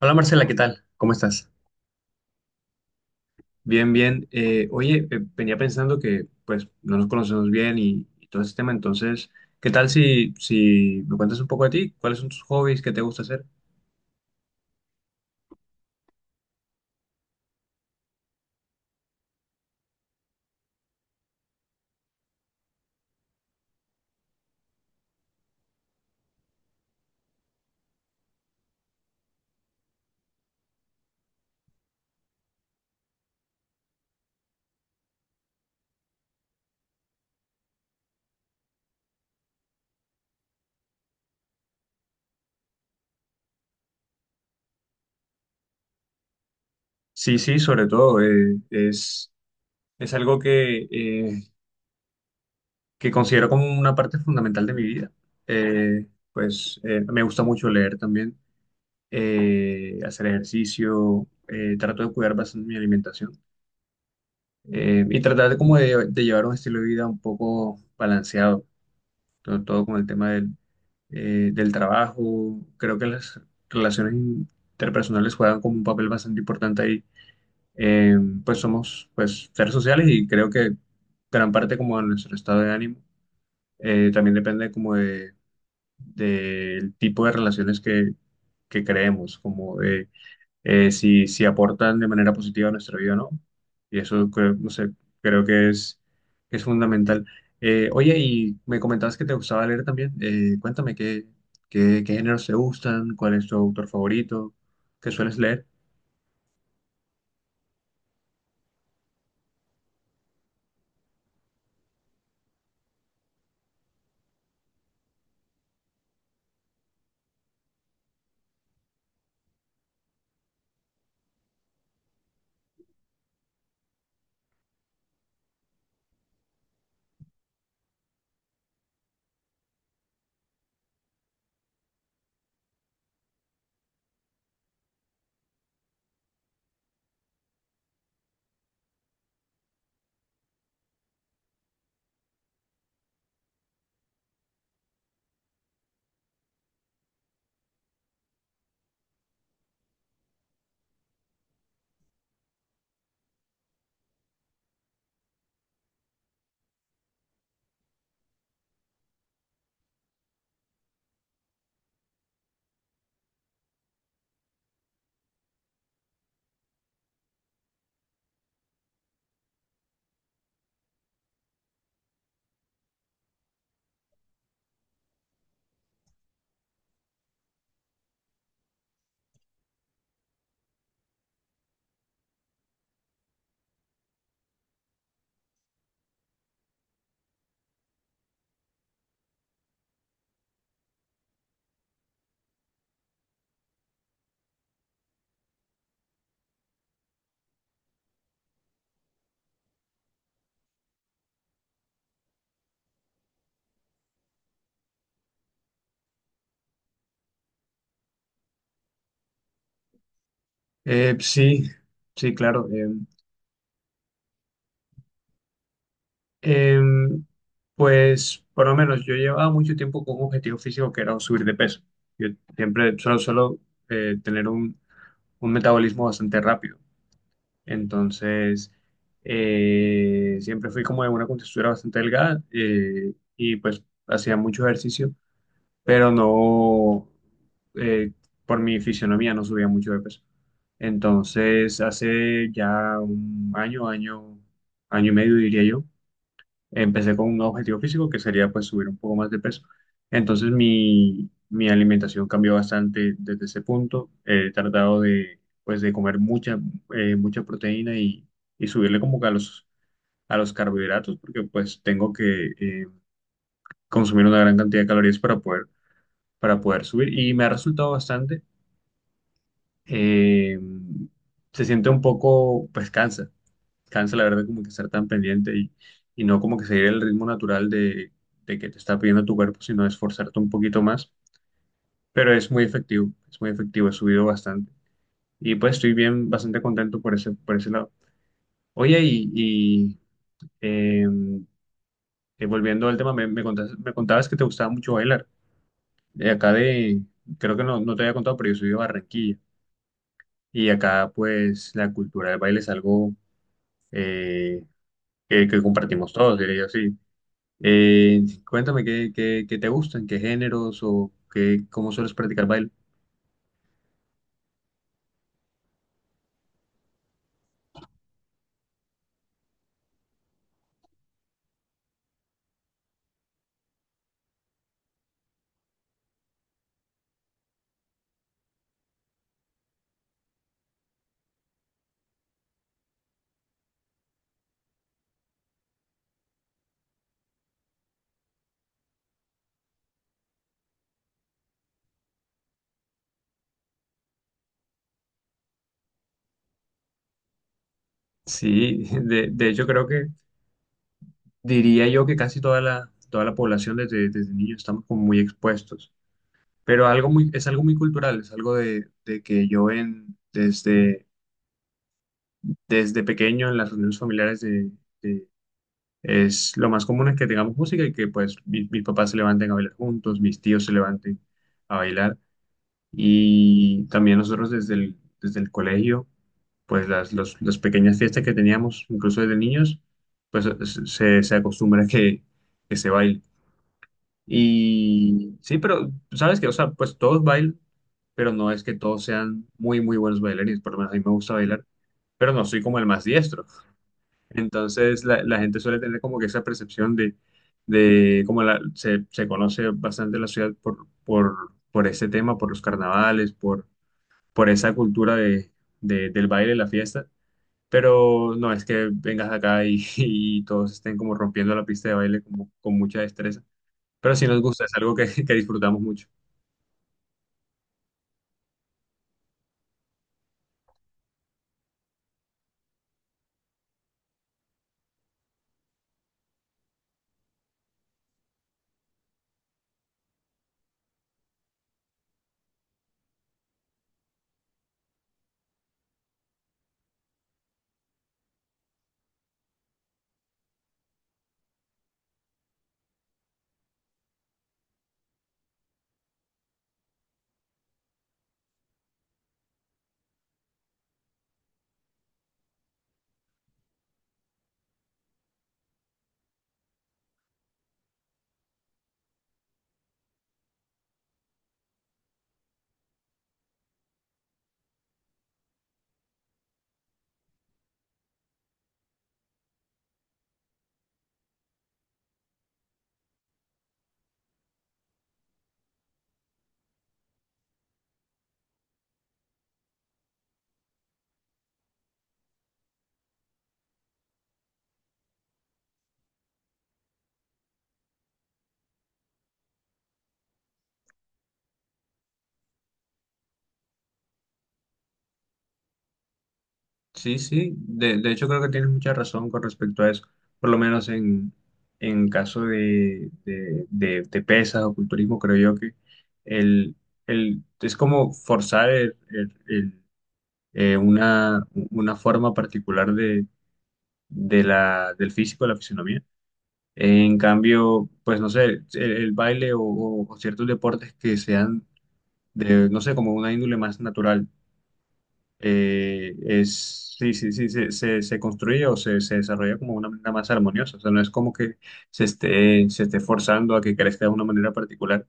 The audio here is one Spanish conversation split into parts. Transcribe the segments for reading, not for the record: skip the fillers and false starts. Hola Marcela, ¿qué tal? ¿Cómo estás? Bien, bien. Oye, venía pensando que pues no nos conocemos bien y todo ese tema, entonces, ¿qué tal si me cuentas un poco de ti? ¿Cuáles son tus hobbies? ¿Qué te gusta hacer? Sí, sí, sobre todo, es algo que que considero como una parte fundamental de mi vida. Eh, me gusta mucho leer también, hacer ejercicio, trato de cuidar bastante mi alimentación. Y tratar de, como de llevar un estilo de vida un poco balanceado, todo con el tema del trabajo. Creo que las relaciones interpersonales juegan como un papel bastante importante ahí. Eh, pues somos pues, seres sociales y creo que gran parte como de nuestro estado de ánimo también depende como de, del tipo de relaciones que creemos, como de si, si aportan de manera positiva a nuestra vida o no. Y eso creo, no sé, creo que es fundamental. Oye, y me comentabas que te gustaba leer también. Cuéntame qué géneros te gustan, cuál es tu autor favorito, qué sueles leer. Sí, sí, claro. Em, pues por lo menos yo llevaba mucho tiempo con un objetivo físico que era subir de peso. Yo siempre solo, solo tener un metabolismo bastante rápido. Entonces, siempre fui como de una contextura bastante delgada, y pues hacía mucho ejercicio, pero no, eh, por mi fisionomía no subía mucho de peso. Entonces, hace ya año y medio diría yo, empecé con un objetivo físico que sería pues subir un poco más de peso. Entonces mi alimentación cambió bastante desde ese punto. He tratado de pues de comer mucha proteína y subirle como que a a los carbohidratos porque pues tengo que consumir una gran cantidad de calorías para poder subir y me ha resultado bastante. Eh, Se siente un poco, pues cansa la verdad como que estar tan pendiente y no como que seguir el ritmo natural de que te está pidiendo tu cuerpo, sino esforzarte un poquito más. Pero es muy efectivo, he subido bastante. Y pues estoy bien, bastante contento por ese lado. Oye, eh, volviendo al tema, me contabas que te gustaba mucho bailar. De acá de, creo que no, no te había contado, pero yo soy de Barranquilla. Y acá pues la cultura del baile es algo eh, que compartimos todos, diría yo, sí. Eh, Cuéntame qué te gustan, qué géneros o qué, cómo sueles practicar baile. Sí, de hecho creo que diría yo que casi toda toda la población desde, desde niños estamos como muy expuestos, pero algo muy, es algo muy cultural, es algo de que yo en, desde, desde pequeño en las reuniones familiares de- es lo más común es que tengamos música y que pues mis papás se levanten a bailar juntos, mis tíos se levanten a bailar. Y también nosotros desde el colegio, pues las pequeñas fiestas que teníamos, incluso desde niños, pues se acostumbra que se baile. Y sí, pero sabes que, o sea, pues todos bailan, pero no es que todos sean muy, muy buenos bailarines, por lo menos a mí me gusta bailar, pero no soy como el más diestro. Entonces la gente suele tener como que esa percepción de como la, se conoce bastante la ciudad por ese tema, por los carnavales, por esa cultura de- del baile, la fiesta. Pero no es que vengas acá y, y todos estén como rompiendo la pista de baile como, con mucha destreza. Pero sí nos gusta, es algo que, que disfrutamos mucho. Sí, sí, de hecho creo que tienes mucha razón con respecto a eso. Por lo menos en caso de pesas o culturismo, creo yo que el, es como forzar el, eh, una, una forma particular de la, del físico, de la fisonomía. En cambio, pues no sé, el baile o ciertos deportes que sean de, no sé, como una índole más natural, sí, sí, sí, se construye o se desarrolla como una manera más armoniosa. O sea, no es como que se esté forzando a que crezca de una manera particular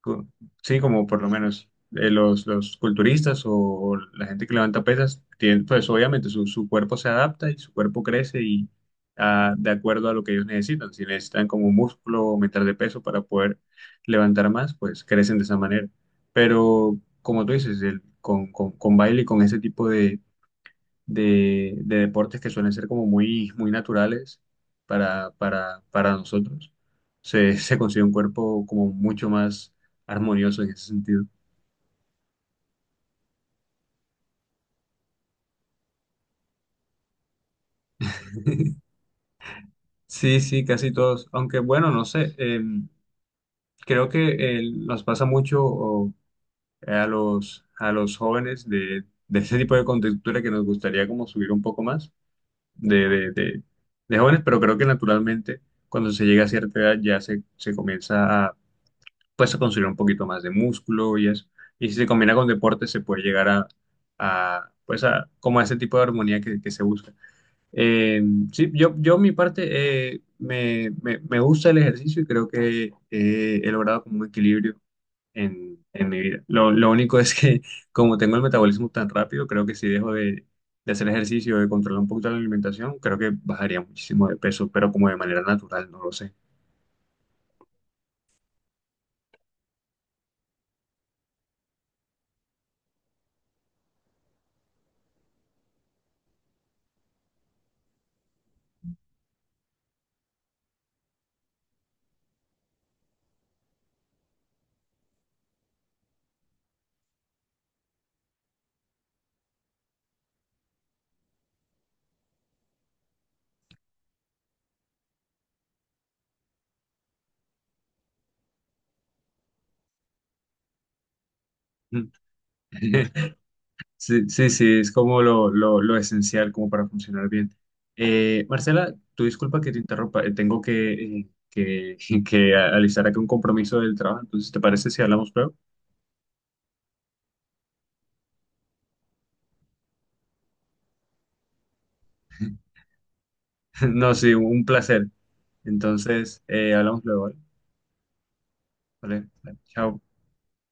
co- sí, como por lo menos los culturistas o la gente que levanta pesas, tienen, pues obviamente su cuerpo se adapta y su cuerpo crece de acuerdo a lo que ellos necesitan. Si necesitan como músculo o aumentar de peso para poder levantar más, pues crecen de esa manera. Pero como tú dices, el- con baile y con ese tipo de de deportes que suelen ser como muy, muy naturales para nosotros. Se, se consigue un cuerpo como mucho más armonioso en ese sentido. Sí, sí, casi todos. Aunque bueno, no sé, creo que nos pasa mucho o, a a los jóvenes de ese tipo de contextura que nos gustaría como subir un poco más de, de, de, de jóvenes, pero creo que naturalmente cuando se llega a cierta edad ya se comienza a pues a construir un poquito más de músculo y eso. Y si se combina con deporte, se puede llegar a, pues a, como a ese tipo de armonía que se busca. Eh, sí, yo mi parte me gusta el ejercicio y creo que he logrado como un equilibrio en mi vida. Lo único es que como tengo el metabolismo tan rápido, creo que si de hacer ejercicio, de controlar un poquito la alimentación, creo que bajaría muchísimo de peso, pero como de manera natural, no lo sé. Sí, sí, sí, es como lo esencial como para funcionar bien. Marcela, tu disculpa que te interrumpa, que, que alistar aquí un compromiso del trabajo, entonces, ¿te parece si hablamos luego? No, sí, un placer. Entonces, hablamos luego, ¿vale? Vale, vale, chao.